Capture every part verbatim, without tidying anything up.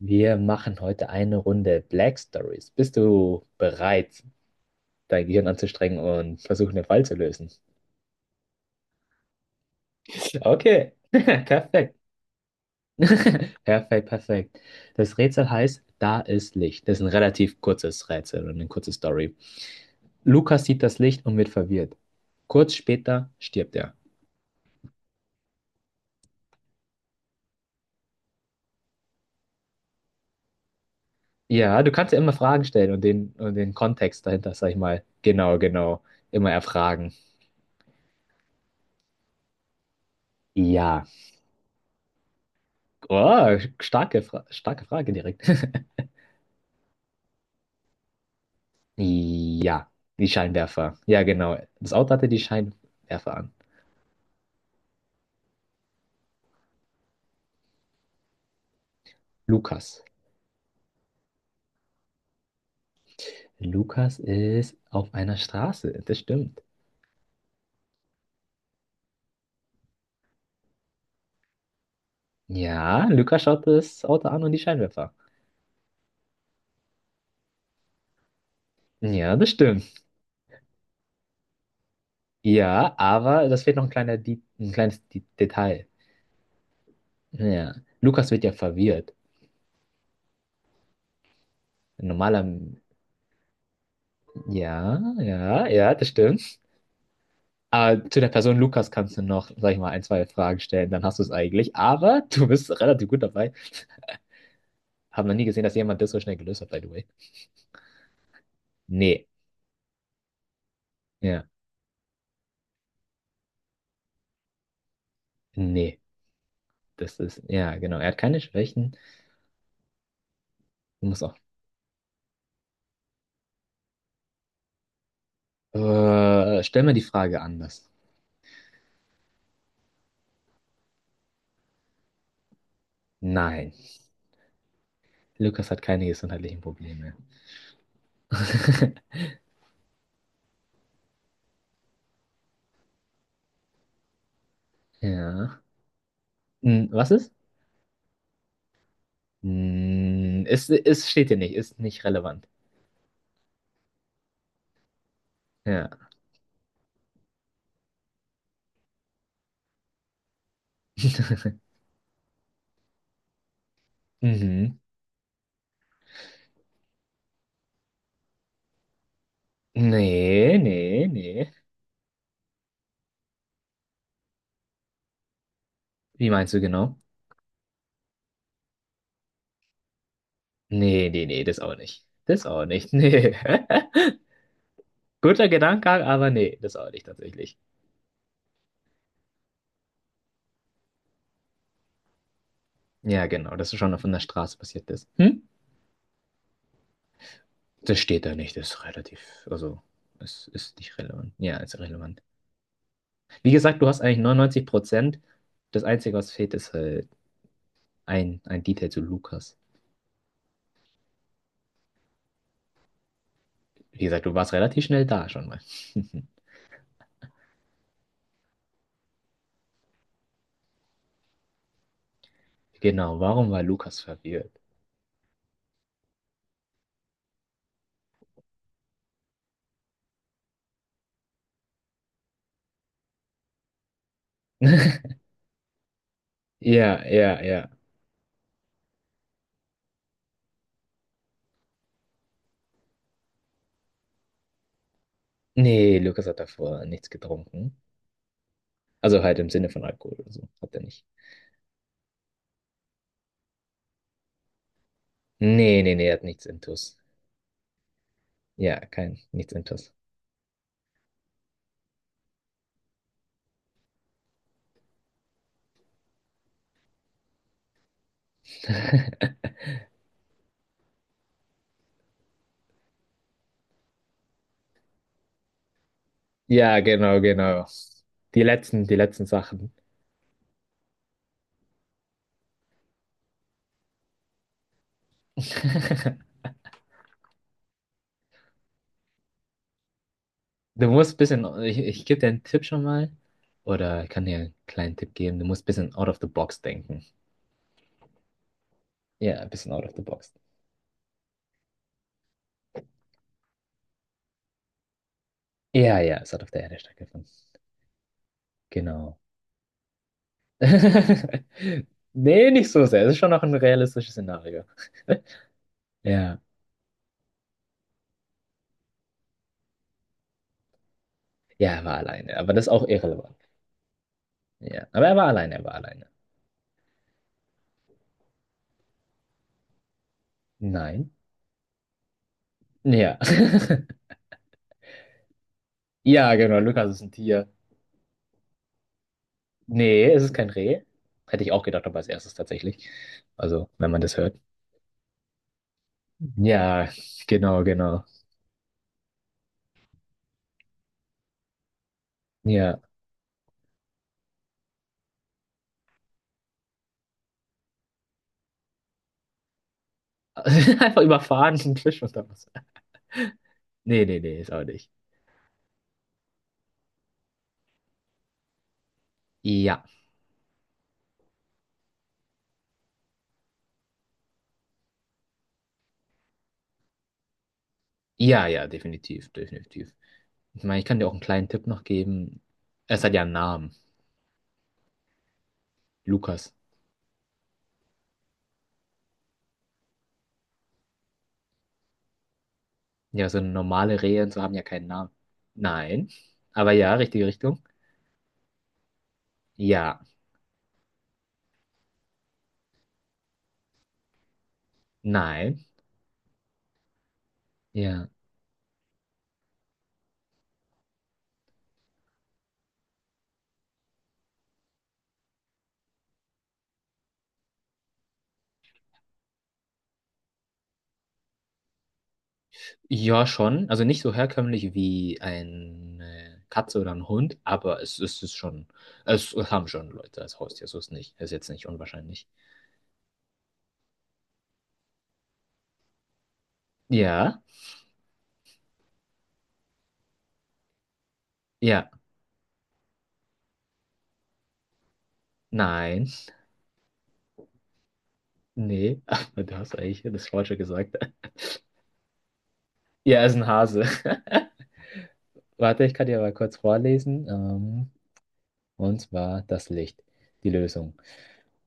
Wir machen heute eine Runde Black Stories. Bist du bereit, dein Gehirn anzustrengen und versuchen, den Fall zu lösen? Okay, perfekt. Perfekt, perfekt. Das Rätsel heißt, da ist Licht. Das ist ein relativ kurzes Rätsel und eine kurze Story. Lukas sieht das Licht und wird verwirrt. Kurz später stirbt er. Ja, du kannst ja immer Fragen stellen und den, und den Kontext dahinter, sag ich mal, genau, genau, immer erfragen. Ja. Oh, starke, Fra starke Frage direkt. Ja, die Scheinwerfer. Ja, genau. Das Auto hatte die Scheinwerfer an. Lukas. Lukas ist auf einer Straße. Das stimmt. Ja, Lukas schaut das Auto an und die Scheinwerfer. Ja, das stimmt. Ja, aber das fehlt noch ein kleiner, Di- ein kleines Di- Detail. Ja, Lukas wird ja verwirrt. Ein Normaler, ja, ja, ja, das stimmt. Aber zu der Person Lukas kannst du noch, sag ich mal, ein, zwei Fragen stellen, dann hast du es eigentlich. Aber du bist relativ gut dabei. Hab noch nie gesehen, dass jemand das so schnell gelöst hat, by the way. Nee. Ja. Nee. Das ist, ja, genau. Er hat keine Schwächen. Du musst auch. Äh, stell mir die Frage anders. Nein. Lukas hat keine gesundheitlichen Probleme. Ja. Hm, was ist? Hm, es, es steht hier nicht. Ist nicht relevant. Ja. Mhm. Nee, nee, nee. Wie meinst du genau? Nee, nee, nee, das auch nicht. Das auch nicht. Nee. Guter Gedanke, aber nee, das auch nicht tatsächlich. Ja, genau, dass es schon von der Straße passiert ist. Hm? Das steht da nicht, das ist relativ, also es ist nicht relevant. Ja, ist relevant. Wie gesagt, du hast eigentlich neunundneunzig Prozent. Das Einzige, was fehlt, ist halt ein, ein Detail zu Lukas. Wie gesagt, du warst relativ schnell da schon mal. Genau, warum war Lukas verwirrt? Ja, ja, ja. Nee, Lukas hat davor nichts getrunken. Also halt im Sinne von Alkohol oder so. Hat er nicht. Nee, nee, nee, er hat nichts intus. Ja, kein, nichts intus. Ja, genau, genau. Die letzten, die letzten Sachen. Du musst ein bisschen, ich, ich gebe dir einen Tipp schon mal. Oder ich kann dir einen kleinen Tipp geben. Du musst ein bisschen out of the box denken. Ja, ein bisschen out of the box. Ja, ja, es hat auf der Erde stattgefunden. Genau. Nee, nicht so sehr. Es ist schon noch ein realistisches Szenario. Ja. Ja, er war alleine. Aber das ist auch irrelevant. Ja. Aber er war alleine, er war alleine. Nein. Ja. Ja, genau. Lukas ist ein Tier. Nee, es ist kein Reh. Hätte ich auch gedacht, aber als erstes tatsächlich. Also, wenn man das hört. Ja, genau, genau. Ja. Einfach überfahren, ein Fisch unter Wasser. Nee, nee, nee, ist auch nicht. Ja. Ja, ja, definitiv, definitiv. Ich meine, ich kann dir auch einen kleinen Tipp noch geben. Es hat ja einen Namen. Lukas. Ja, so normale Rehe und so haben ja keinen Namen. Nein. Aber ja, richtige Richtung. Ja. Nein. Ja. Ja, schon. Also nicht so herkömmlich wie eine Katze oder ein Hund, aber es ist es schon. Es haben schon Leute als Haustier, so ist nicht. Ist jetzt nicht unwahrscheinlich. Ja, ja, nein, nee, aber du hast eigentlich das Falsche gesagt. Ja, es ist ein Hase. Warte, ich kann dir mal kurz vorlesen. Ähm, und zwar das Licht, die Lösung.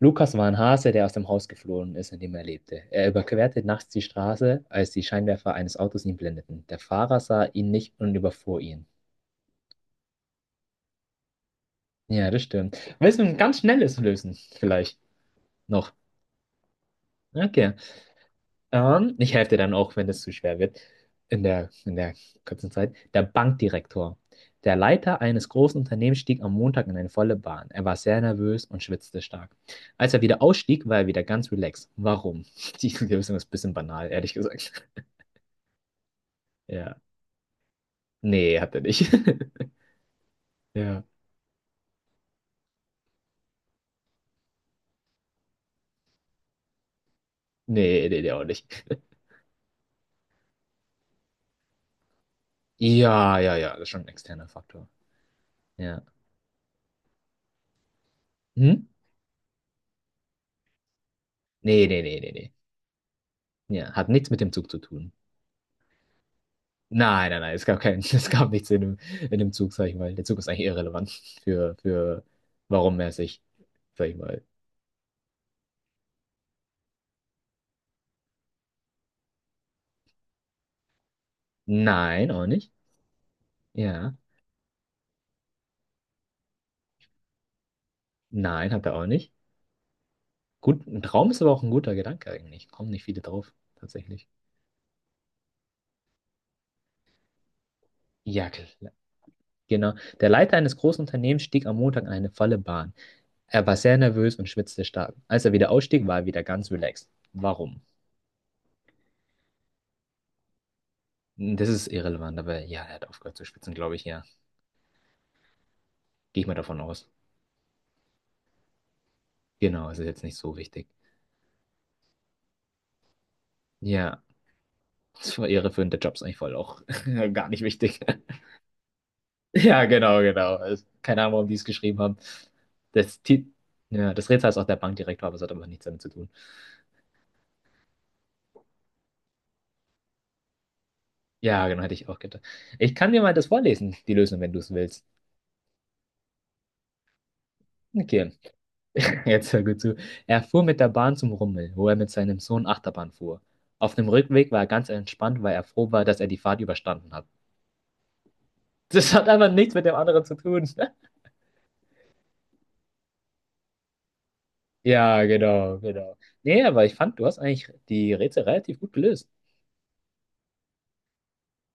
Lukas war ein Hase, der aus dem Haus geflohen ist, in dem er lebte. Er überquerte nachts die Straße, als die Scheinwerfer eines Autos ihn blendeten. Der Fahrer sah ihn nicht und überfuhr ihn. Ja, das stimmt. Willst du ein ganz schnelles lösen? Vielleicht noch. Okay. Ähm, ich helfe dir dann auch, wenn es zu schwer wird. In der, in der kurzen Zeit. Der Bankdirektor. Der Leiter eines großen Unternehmens stieg am Montag in eine volle Bahn. Er war sehr nervös und schwitzte stark. Als er wieder ausstieg, war er wieder ganz relaxed. Warum? Die Lösung ist ein bisschen banal, ehrlich gesagt. Ja. Nee, hat er nicht. Ja. Nee, nee, der auch nicht. Ja, ja, ja, das ist schon ein externer Faktor. Ja. Hm? Nee, nee, nee, nee, nee. Ja, hat nichts mit dem Zug zu tun. Nein, nein, nein, es gab keinen, es gab nichts in dem, in dem Zug, sag ich mal. Der Zug ist eigentlich irrelevant für, für, warum er sich, sag ich mal. Nein, auch nicht. Ja. Nein, hat er auch nicht. Gut, ein Traum ist aber auch ein guter Gedanke eigentlich. Kommen nicht viele drauf, tatsächlich. Ja, klar. Genau. Der Leiter eines großen Unternehmens stieg am Montag in eine volle Bahn. Er war sehr nervös und schwitzte stark. Als er wieder ausstieg, war er wieder ganz relaxed. Warum? Das ist irrelevant, aber ja, er hat aufgehört zu schwitzen, glaube ich, ja. Gehe ich mal davon aus. Genau, es ist jetzt nicht so wichtig. Ja, das war irreführend. Der Job ist eigentlich voll auch gar nicht wichtig. Ja, genau, genau. Also, keine Ahnung, warum die es geschrieben haben. Das, Ti- ja, das Rätsel ist auch der Bankdirektor, aber es hat aber nichts damit zu tun. Ja, genau, hätte ich auch gedacht. Ich kann dir mal das vorlesen, die Lösung, wenn du es willst. Okay. Jetzt hör gut zu. Er fuhr mit der Bahn zum Rummel, wo er mit seinem Sohn Achterbahn fuhr. Auf dem Rückweg war er ganz entspannt, weil er froh war, dass er die Fahrt überstanden hat. Das hat einfach nichts mit dem anderen zu tun. Ja, genau, genau. Nee, aber ich fand, du hast eigentlich die Rätsel relativ gut gelöst.